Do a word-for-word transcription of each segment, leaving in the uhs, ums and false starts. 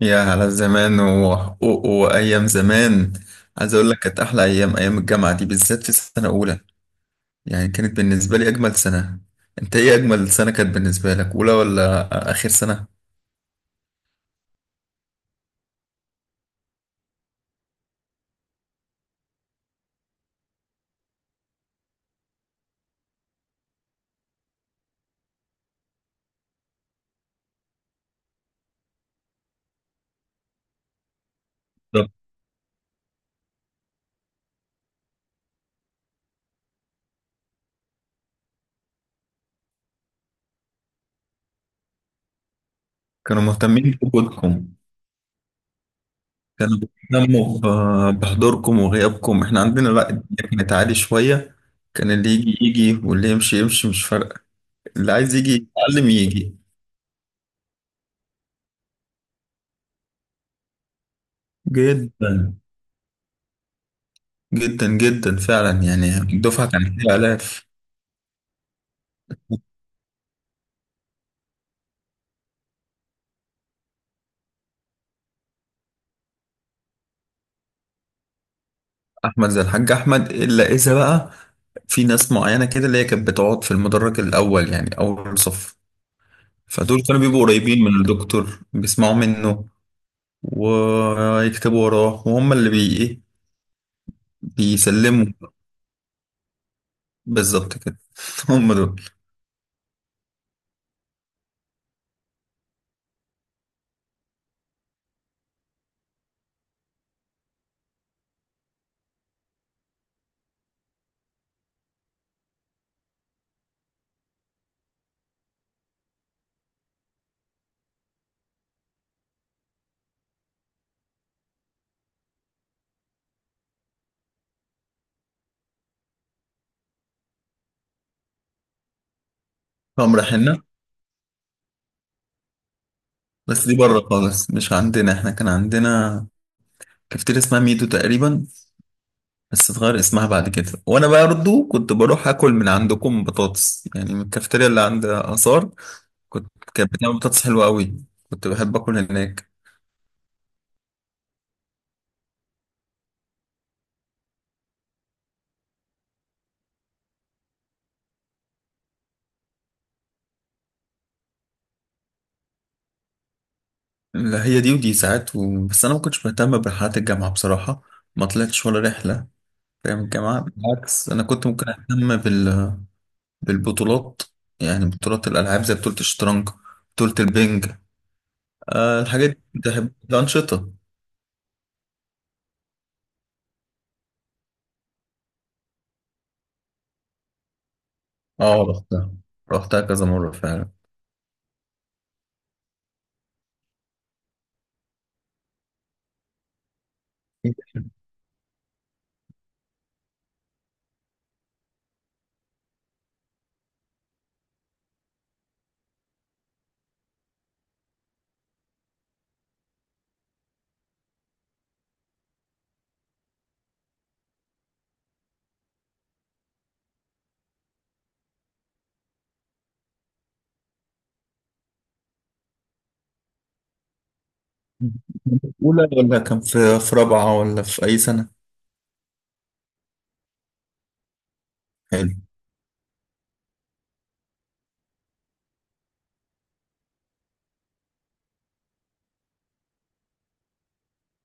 يا على الزمان وحقوق وأيام زمان، عايز أقول لك كانت أحلى أيام، أيام الجامعة دي، بالذات في سنة أولى. يعني كانت بالنسبة لي أجمل سنة. أنت إيه أجمل سنة كانت بالنسبة لك، أولى ولا آخر سنة؟ بالظبط. كانوا مهتمين بوجودكم، كانوا بيهتموا آه، بحضوركم وغيابكم. إحنا عندنا لأ، الدنيا كانت عالي شوية. كان اللي يجي يجي واللي يمشي يمشي، مش فارقة. اللي عايز يجي يتعلم يجي. جدا جدا جدا فعلا، يعني الدفعة كانت فيها آلاف. احمد زي الحاج احمد، الا اذا بقى في ناس معينه كده، اللي هي كانت بتقعد في المدرج الاول، يعني اول صف. فدول كانوا بيبقوا قريبين من الدكتور، بيسمعوا منه ويكتبوا وراه، وهم اللي بي ايه، بيسلموا. بالظبط كده. هم دول. هم رايحين لنا. بس دي بره خالص، مش عندنا. احنا كان عندنا كافتيريا اسمها ميدو تقريبا، بس اتغير اسمها بعد كده. وانا برضه كنت بروح اكل من عندكم بطاطس، يعني من الكافتيريا اللي عند اثار. كنت، كانت بتعمل بطاطس حلوة قوي، كنت بحب اكل هناك. لا، هي دي ودي ساعات و... بس انا ما كنتش مهتم برحلات الجامعة بصراحة، ما طلعتش ولا رحلة. فاهم؟ الجامعة بالعكس، انا كنت ممكن اهتم بال... بالبطولات، يعني بطولات الالعاب زي بطولة الشطرنج، بطولة البنج. أه، الحاجات دي كنت احب الانشطة. اه، رحتها. رحتها كذا مرة فعلا. كان في أولى ولا كان في في رابعة، ولا في أي سنة؟ حلو.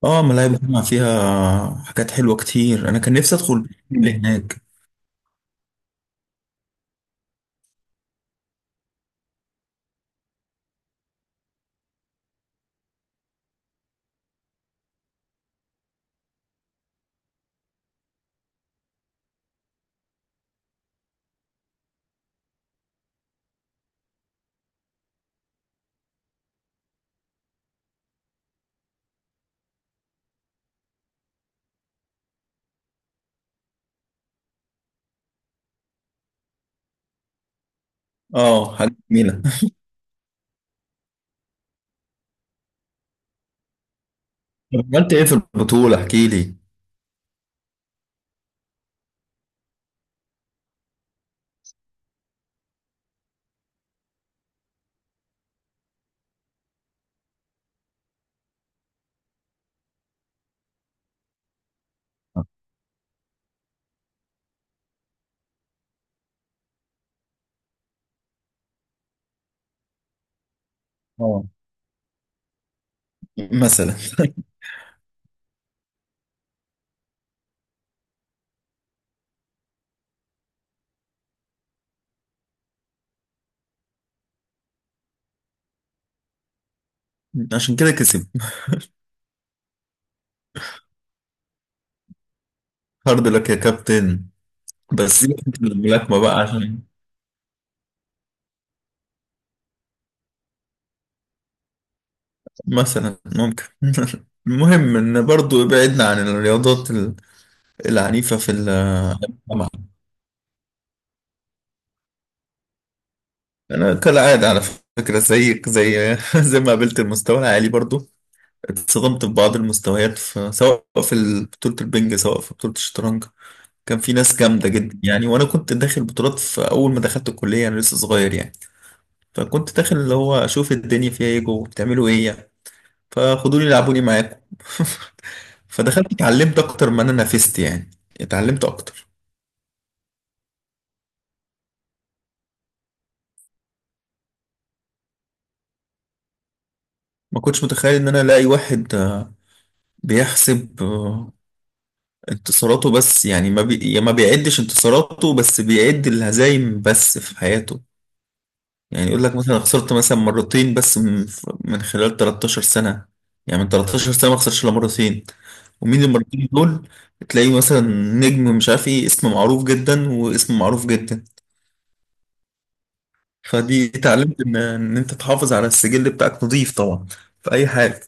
اه، ملاهي بسمع فيها حاجات حلوة كتير، انا كان نفسي ادخل اللي هناك. اه، حاجة جميلة. طب عملت ايه في البطولة؟ احكي لي. اه، مثلا. عشان كده كسب. هارد لك يا كابتن. بس سيبك من الملاكمة بقى عشان مثلا ممكن. المهم ان برضو ابعدنا عن الرياضات ال- العنيفة في الجامعة. انا كالعادة على فكرة زيك، زي زي ما قابلت المستوى العالي برضو، اتصدمت ببعض المستويات، في سواء في ال- بطولة البنج، سواء في بطولة الشطرنج. كان في ناس جامدة جدا، يعني وأنا كنت داخل بطولات في أول ما دخلت الكلية، أنا لسه صغير يعني. فكنت داخل اللي هو أشوف الدنيا فيها إيه، جوه بتعملوا إيه يعني. فخدوني لعبوني معاكم. فدخلت اتعلمت أكتر ما أنا نافست يعني، اتعلمت أكتر. ما كنتش متخيل إن أنا ألاقي واحد آه، بيحسب آه، انتصاراته بس. يعني ما بي... ما بيعدش انتصاراته بس، بيعد الهزايم بس في حياته. يعني يقول لك مثلا خسرت مثلا مرتين بس، من من خلال 13 سنة. يعني من 13 سنة ما خسرش إلا مرتين. ومين المرتين دول؟ تلاقيه مثلا نجم مش عارف ايه، اسم معروف جدا واسم معروف جدا. فدي اتعلمت ان ان انت تحافظ على السجل بتاعك نظيف طبعا، في اي حاجة.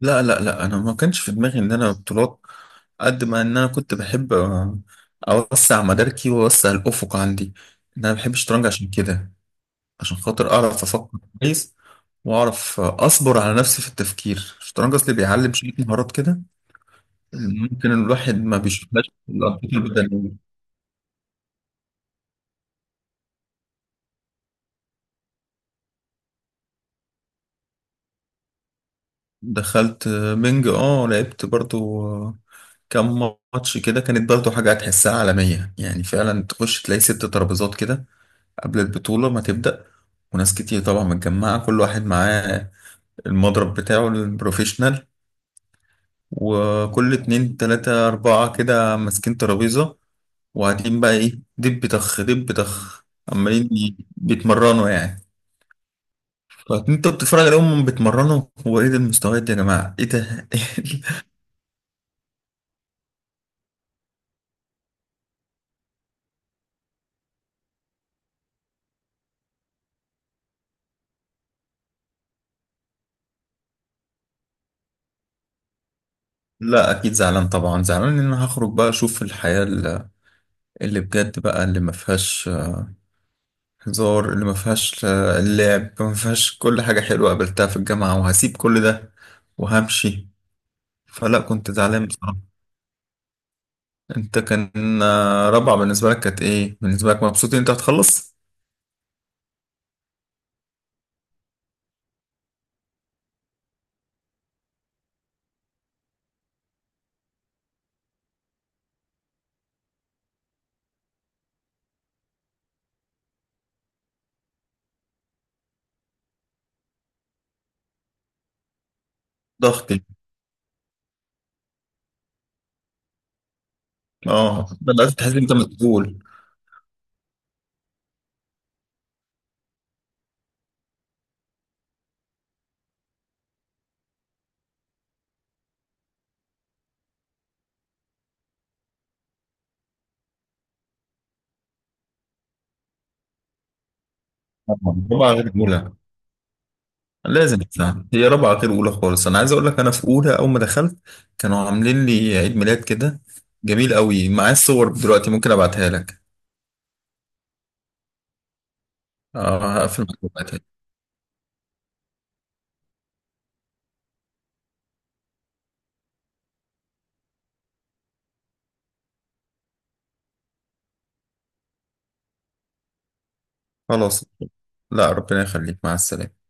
لا لا لا، انا ما كانش في دماغي ان انا بطولات، قد ما ان انا كنت بحب آه، اوسع مداركي واوسع الافق عندي، إن انا بحب الشطرنج. عشان كده، عشان خاطر اعرف افكر كويس، واعرف اصبر على نفسي في التفكير. الشطرنج اصلي بيعلم شويه مهارات كده، اللي ممكن الواحد ما بيشوفهاش في الانشطه البدنيه. دخلت بنج، اه لعبت برضو كم ماتش كده. كانت برضو حاجه هتحسها عالميه يعني، فعلا تخش تلاقي ست ترابيزات كده قبل البطوله ما تبدا، وناس كتير طبعا متجمعه، كل واحد معاه المضرب بتاعه البروفيشنال، وكل اتنين تلاتة أربعة كده ماسكين ترابيزة، وقاعدين بقى ايه، دب طخ دب طخ، عمالين ي- بيتمرنوا يعني. فانت بتتفرج عليهم بيتمرنوا، هو ايه ده المستويات دي، يا جماعه ايه ده. لا اكيد زعلان، طبعا زعلان ان انا هخرج بقى، اشوف الحياه ال- اللي بجد بقى، اللي ما فيهاش هزار، اللي ما فيهاش آه، اللعب، ما فيهاش كل حاجه حلوه قابلتها في الجامعه، وهسيب كل ده وهمشي. فلا، كنت زعلان بصراحه. انت كان آه، رابعه بالنسبه لك كانت ايه بالنسبه لك، مبسوط ان انت هتخلص؟ ضغط. اه بدأت تحس إن انت مسؤول. طبعاً، رابعه غير اولى، لازم تساعد. هي رابعه غير اولى خالص. انا عايز اقول لك، انا في اولى اول ما دخلت كانوا عاملين لي عيد ميلاد كده، جميل قوي. معايا الصور دلوقتي، ممكن ابعتها لك. اه هقفل معاك وأبعتها لك. خلاص، لا ربنا يخليك، مع السلامه.